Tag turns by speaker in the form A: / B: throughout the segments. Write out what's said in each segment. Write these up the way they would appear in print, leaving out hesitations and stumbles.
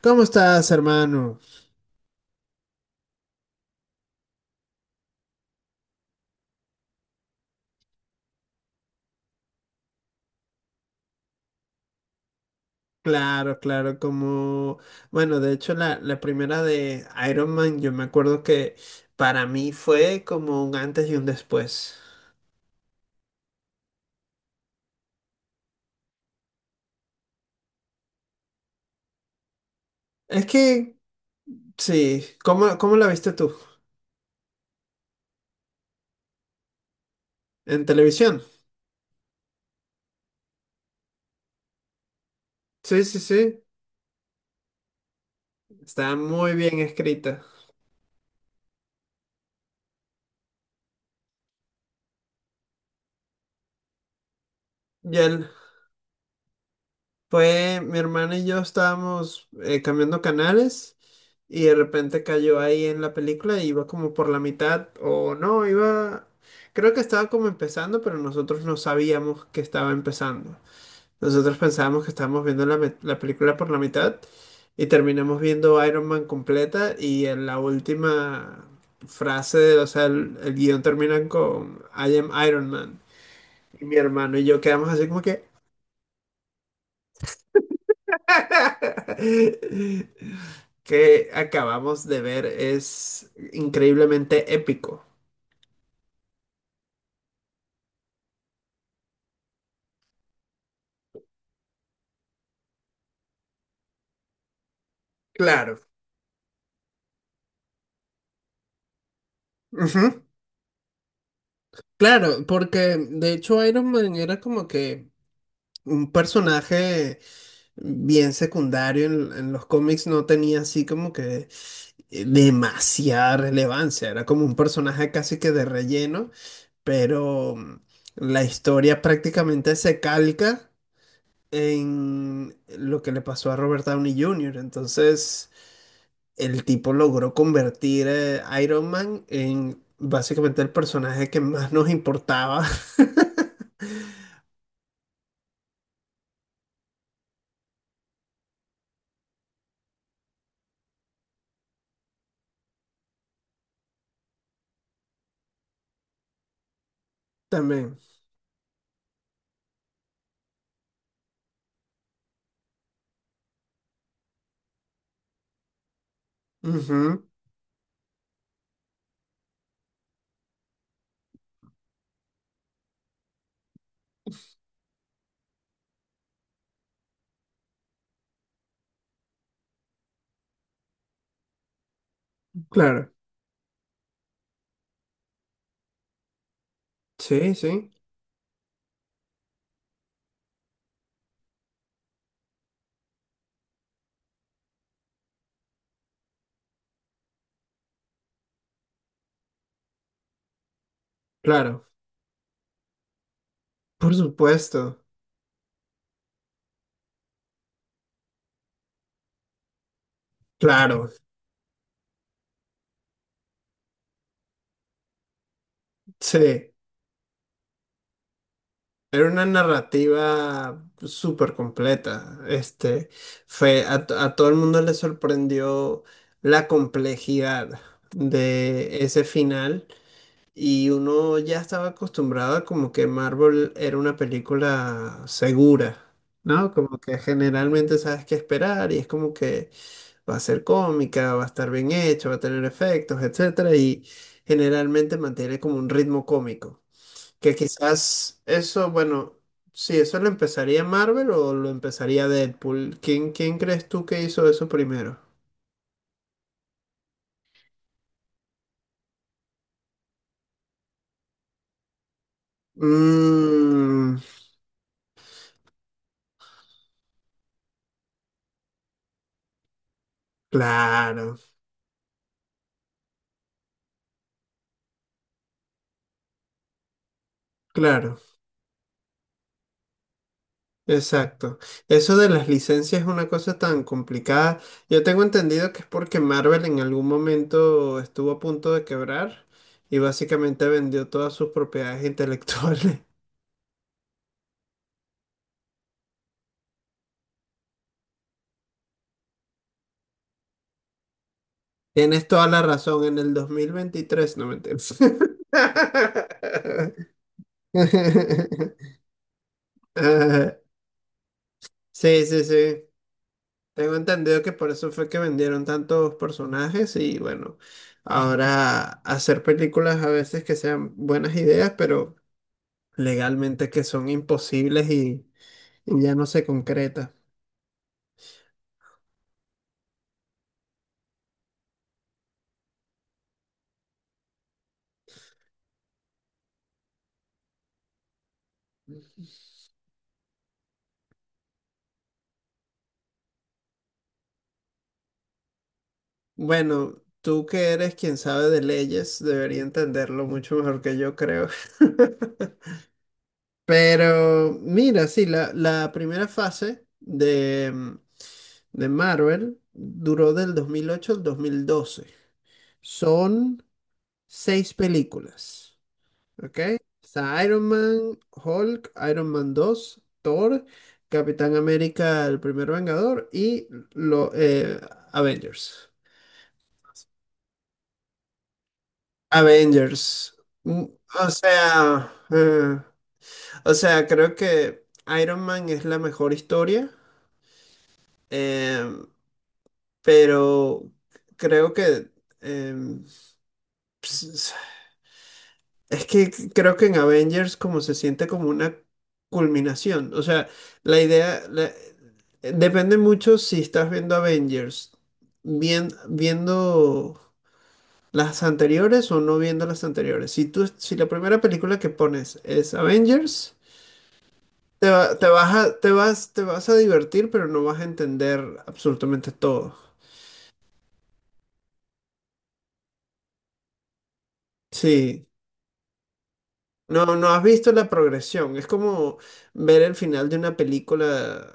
A: ¿Cómo estás, hermano? Claro, claro, de hecho la primera de Iron Man, yo me acuerdo que para mí fue como un antes y un después. Es que, sí, ¿cómo la viste tú? ¿En televisión? Sí, sí, sí, está muy bien escrita. Ya fue mi hermana y yo estábamos cambiando canales y de repente cayó ahí en la película y iba como por la mitad o no, iba, creo que estaba como empezando, pero nosotros no sabíamos que estaba empezando. Nosotros pensábamos que estábamos viendo la película por la mitad y terminamos viendo Iron Man completa, y en la última frase, o sea, el guión termina con "I am Iron Man". Y mi hermano y yo quedamos así como que... que acabamos de ver es increíblemente épico. Claro. Ujú. Claro, porque de hecho Iron Man era como que un personaje bien secundario en los cómics, no tenía así como que demasiada relevancia, era como un personaje casi que de relleno, pero la historia prácticamente se calca en lo que le pasó a Robert Downey Jr. Entonces, el tipo logró convertir a Iron Man en básicamente el personaje que más nos importaba. También. Ujú. Claro. Sí, sí. Claro. Por supuesto. Claro. Sí. Era una narrativa súper completa. Fue, a, a todo el mundo le sorprendió la complejidad de ese final. Y uno ya estaba acostumbrado a como que Marvel era una película segura, ¿no? Como que generalmente sabes qué esperar y es como que va a ser cómica, va a estar bien hecho, va a tener efectos, etcétera, y generalmente mantiene como un ritmo cómico. Que quizás eso, bueno, sí, eso lo empezaría Marvel o lo empezaría Deadpool. ¿Quién crees tú que hizo eso primero? Mmm, claro, claro. Exacto. Eso de las licencias es una cosa tan complicada. Yo tengo entendido que es porque Marvel en algún momento estuvo a punto de quebrar y básicamente vendió todas sus propiedades intelectuales. Tienes toda la razón, en el dos mil veintitrés, no me entiendes. Ah, sí, sí, sí. Tengo entendido que por eso fue que vendieron tantos personajes y bueno, ahora hacer películas a veces que sean buenas ideas, pero... legalmente que son imposibles y ya no se concreta. Bueno, tú que eres quien sabe de leyes, debería entenderlo mucho mejor que yo, creo. Pero mira, sí, la primera fase de, de Marvel duró del 2008 al dos mil doce. Son seis películas. Ok, está Iron Man, Hulk, Iron Man 2, Thor, Capitán América, el primer Vengador y lo, eh, Avengers. Avengers. Mm. O sea, eh, o sea, creo que Iron Man es la mejor historia, em, pero creo que em, s- es que creo que en Avengers como se siente como una culminación. O sea, la idea la- depende mucho si estás viendo Avengers, bien, viendo las anteriores o no viendo las anteriores. Si tú, si la primera película que pones es Avengers, te vas a, te vas a divertir, pero no vas a entender absolutamente todo. Sí. No, no has visto la progresión. Es como ver el final de una película.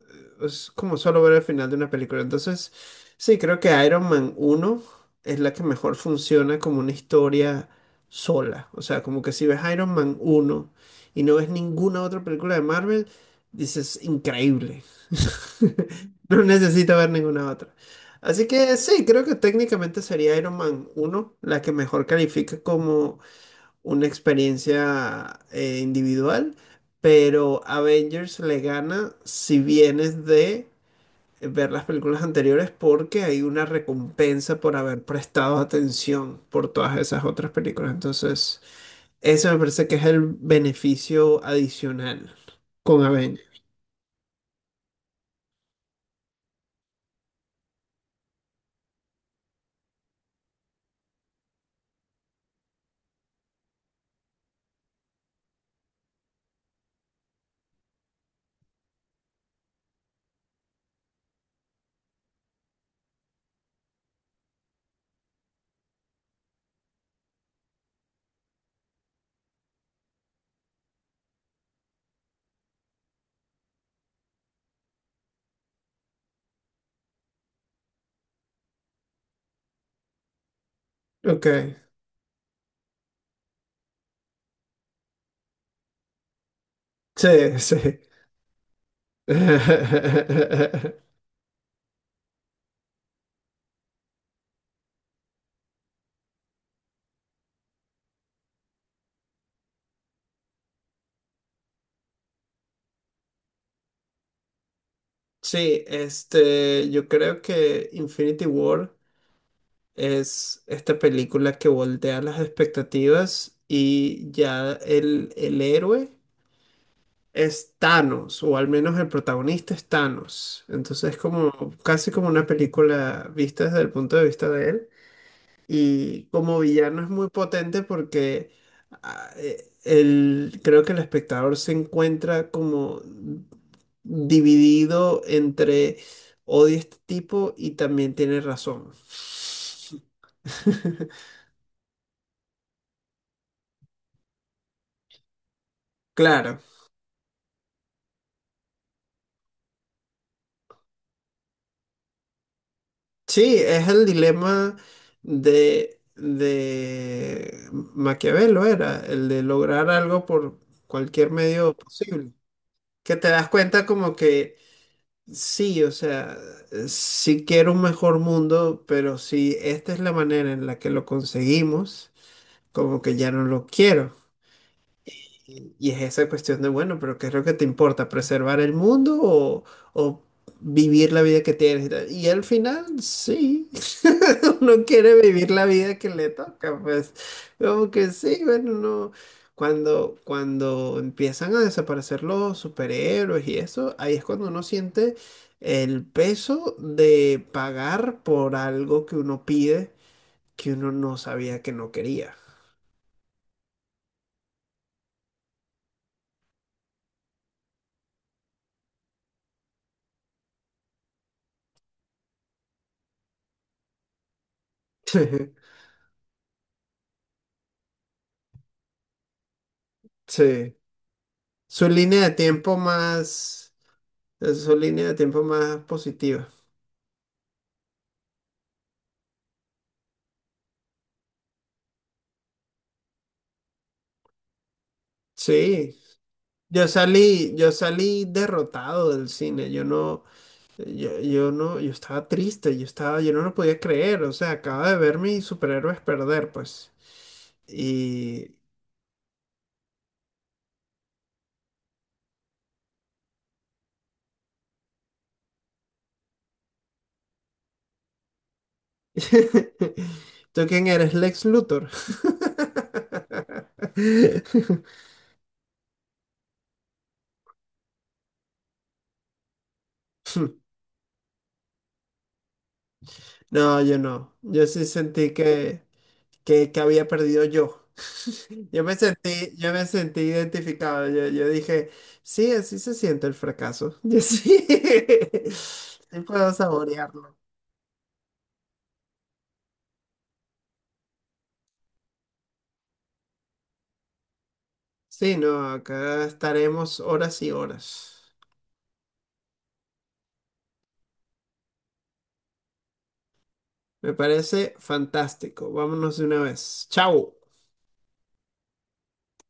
A: Es como solo ver el final de una película. Entonces, sí, creo que Iron Man uno es la que mejor funciona como una historia sola. O sea, como que si ves Iron Man uno y no ves ninguna otra película de Marvel, dices, increíble. No necesito ver ninguna otra. Así que sí, creo que técnicamente sería Iron Man uno la que mejor califica como una experiencia individual, pero Avengers le gana si vienes de ver las películas anteriores, porque hay una recompensa por haber prestado atención por todas esas otras películas. Entonces, eso me parece que es el beneficio adicional con Avengers. Ok, sí, sí. Sí, yo creo que Infinity War es esta película que voltea las expectativas y ya el héroe es Thanos, o al menos el protagonista es Thanos. Entonces es como casi como una película vista desde el punto de vista de él. Y como villano es muy potente porque creo que el espectador se encuentra como dividido entre odio a este tipo y también tiene razón. Claro, sí, es el dilema de Maquiavelo, era el de lograr algo por cualquier medio posible. Que te das cuenta como que sí, o sea, sí quiero un mejor mundo, pero si esta es la manera en la que lo conseguimos, como que ya no lo quiero. Y es esa cuestión de, bueno, pero ¿qué es lo que te importa? ¿Preservar el mundo o vivir la vida que tienes? ¿Y tal? Y al final, sí, uno quiere vivir la vida que le toca, pues como que sí, bueno, no. Cuando empiezan a desaparecer los superhéroes y eso, ahí es cuando uno siente el peso de pagar por algo que uno pide, que uno no sabía que no quería. Sí. Su línea de tiempo más, su línea de tiempo más positiva. Sí, yo salí derrotado del cine. Yo no, yo no, yo estaba triste, yo no lo podía creer. O sea, acaba de ver mis superhéroes perder, pues. Y ¿tú quién eres? ¿Lex Luthor? No, yo no. Yo sí sentí que que había perdido yo. Yo me sentí identificado. Yo dije, sí, así se siente el fracaso. Yo sí, sí puedo saborearlo. Sí, no, acá estaremos horas y horas. Me parece fantástico. Vámonos de una vez. Chao.